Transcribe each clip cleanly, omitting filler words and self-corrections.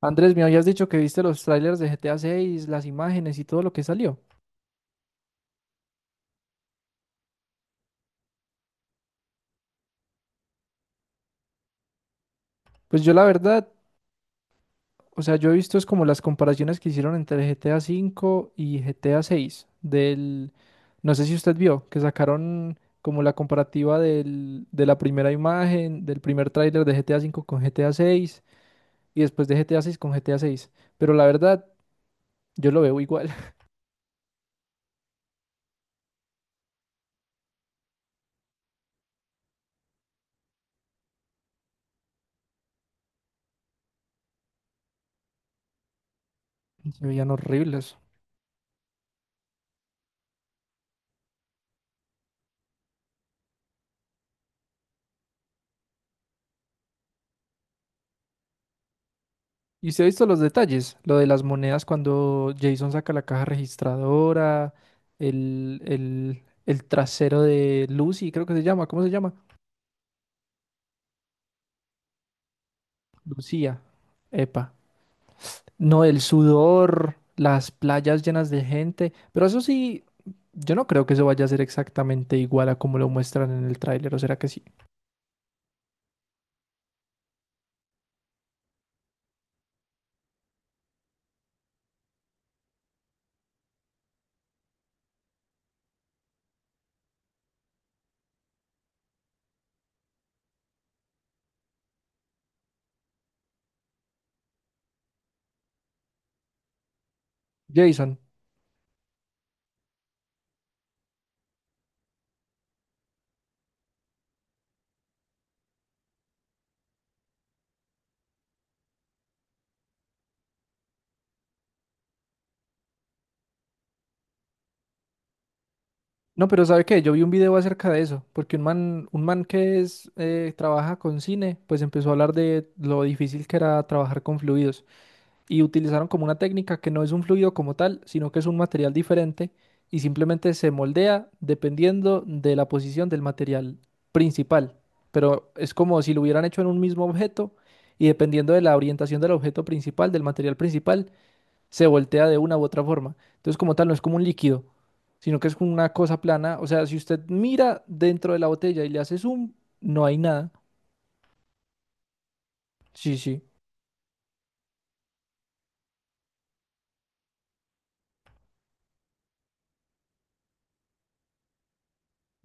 Andrés, me habías dicho que viste los trailers de GTA 6, las imágenes y todo lo que salió. Pues yo la verdad, o sea, yo he visto es como las comparaciones que hicieron entre GTA 5 y GTA 6 del. No sé si usted vio que sacaron como la comparativa de la primera imagen, del primer tráiler de GTA 5 con GTA 6 y después de GTA 6 con GTA 6, pero la verdad yo lo veo igual. Se veían horribles. Y usted ha visto los detalles, lo de las monedas cuando Jason saca la caja registradora, el trasero de Lucy, creo que se llama, ¿cómo se llama? Lucía, epa. No, el sudor, las playas llenas de gente, pero eso sí, yo no creo que eso vaya a ser exactamente igual a como lo muestran en el tráiler, ¿o será que sí? Jason. No, pero ¿sabe qué? Yo vi un video acerca de eso, porque un man que es, trabaja con cine, pues empezó a hablar de lo difícil que era trabajar con fluidos. Y utilizaron como una técnica que no es un fluido como tal, sino que es un material diferente y simplemente se moldea dependiendo de la posición del material principal. Pero es como si lo hubieran hecho en un mismo objeto y dependiendo de la orientación del objeto principal, del material principal, se voltea de una u otra forma. Entonces, como tal, no es como un líquido, sino que es como una cosa plana. O sea, si usted mira dentro de la botella y le hace zoom, no hay nada. Sí, sí.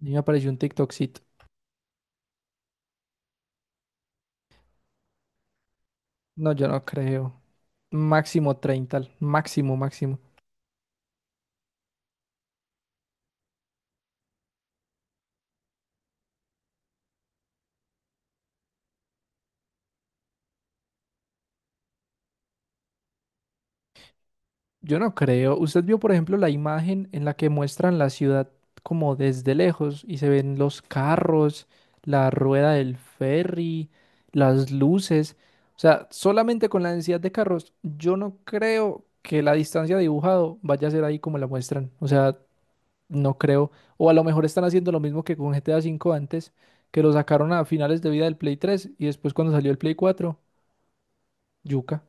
Y me apareció un TikTokcito. No, yo no creo. Máximo 30, máximo, máximo. Yo no creo. Usted vio, por ejemplo, la imagen en la que muestran la ciudad como desde lejos y se ven los carros, la rueda del ferry, las luces. O sea, solamente con la densidad de carros, yo no creo que la distancia dibujado vaya a ser ahí como la muestran. O sea, no creo. O a lo mejor están haciendo lo mismo que con GTA V antes, que lo sacaron a finales de vida del Play 3 y después cuando salió el Play 4, yuca.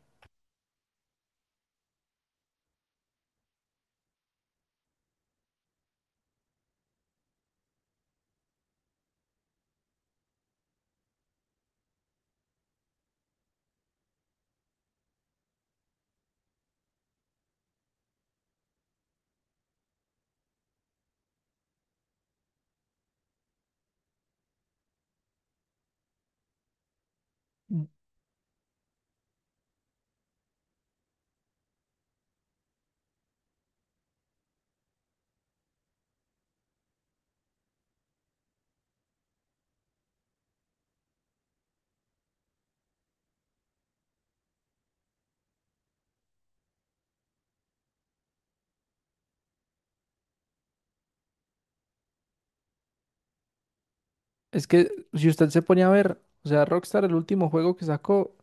Es que si usted se ponía a ver, o sea, Rockstar el último juego que sacó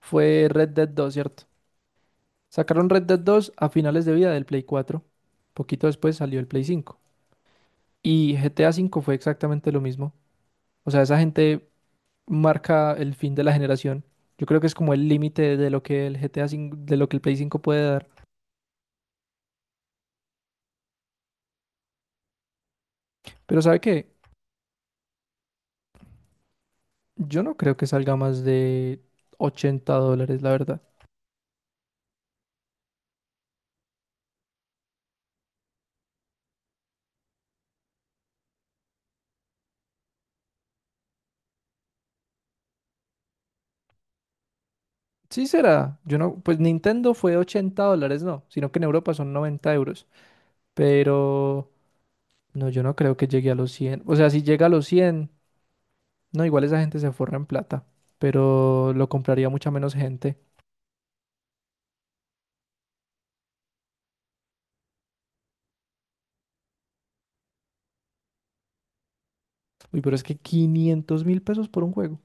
fue Red Dead 2, ¿cierto? Sacaron Red Dead 2 a finales de vida del Play 4. Poquito después salió el Play 5. Y GTA 5 fue exactamente lo mismo. O sea, esa gente marca el fin de la generación. Yo creo que es como el límite de lo que el GTA 5, de lo que el Play 5 puede dar. Pero ¿sabe qué? Yo no creo que salga más de $80, la verdad. Sí será. Yo no, pues Nintendo fue $80, no, sino que en Europa son 90 euros. Pero no, yo no creo que llegue a los 100. O sea, si llega a los 100, no, igual esa gente se forra en plata. Pero lo compraría mucha menos gente. Uy, pero es que 500.000 pesos por un juego.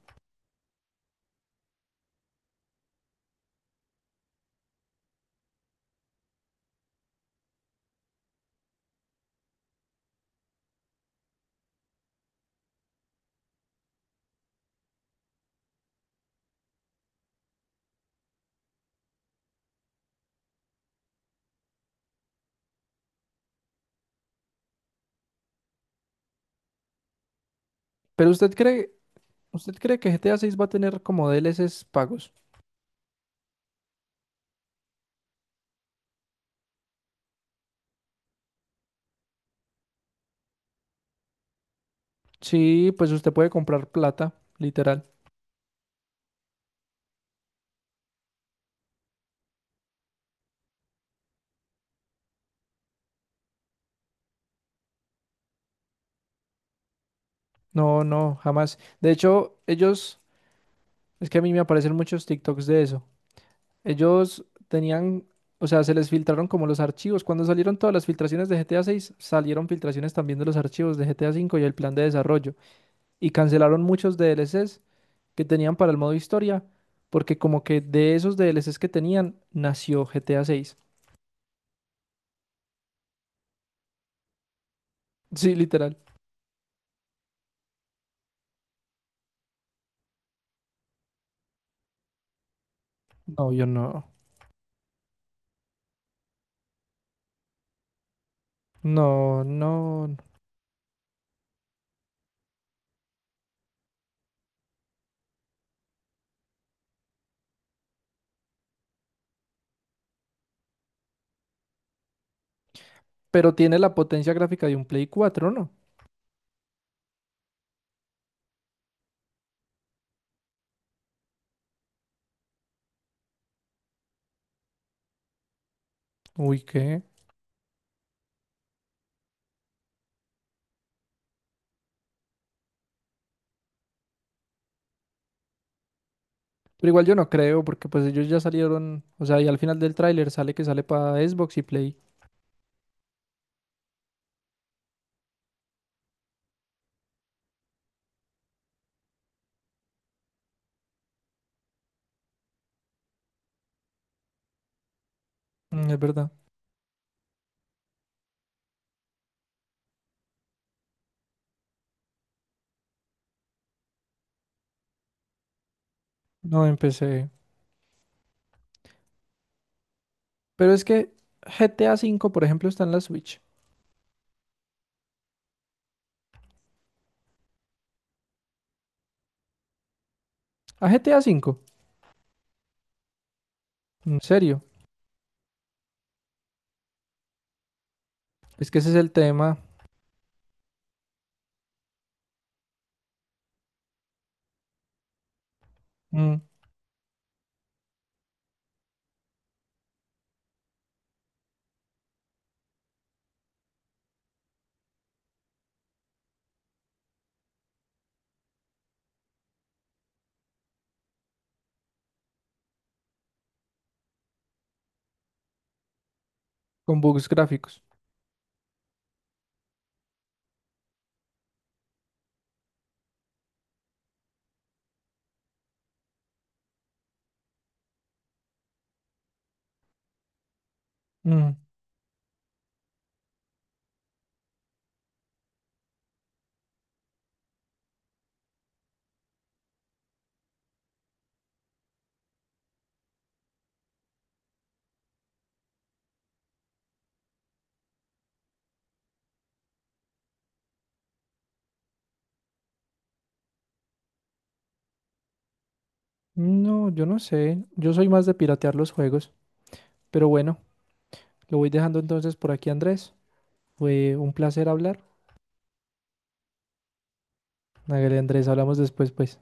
Pero usted cree que GTA 6 va a tener como DLCs pagos. Sí, pues usted puede comprar plata, literal. No, no, jamás. De hecho, ellos, es que a mí me aparecen muchos TikToks de eso. Ellos tenían, o sea, se les filtraron como los archivos. Cuando salieron todas las filtraciones de GTA 6, salieron filtraciones también de los archivos de GTA 5 y el plan de desarrollo. Y cancelaron muchos DLCs que tenían para el modo historia, porque como que de esos DLCs que tenían, nació GTA 6. Sí, literal. No, yo no. No, no. Pero tiene la potencia gráfica de un Play 4, ¿no? Uy, ¿qué? Pero igual yo no creo, porque pues ellos ya salieron, o sea, y al final del tráiler sale que sale para Xbox y Play. Mm, es verdad. No empecé. Pero es que GTA V, por ejemplo, está en la Switch. ¿A GTA V? ¿En serio? Es que ese es el tema, mm, con bugs gráficos. Mm. No, yo no sé. Yo soy más de piratear los juegos. Pero bueno, lo voy dejando entonces por aquí, Andrés. Fue un placer hablar. Hágale, Andrés, hablamos después, pues.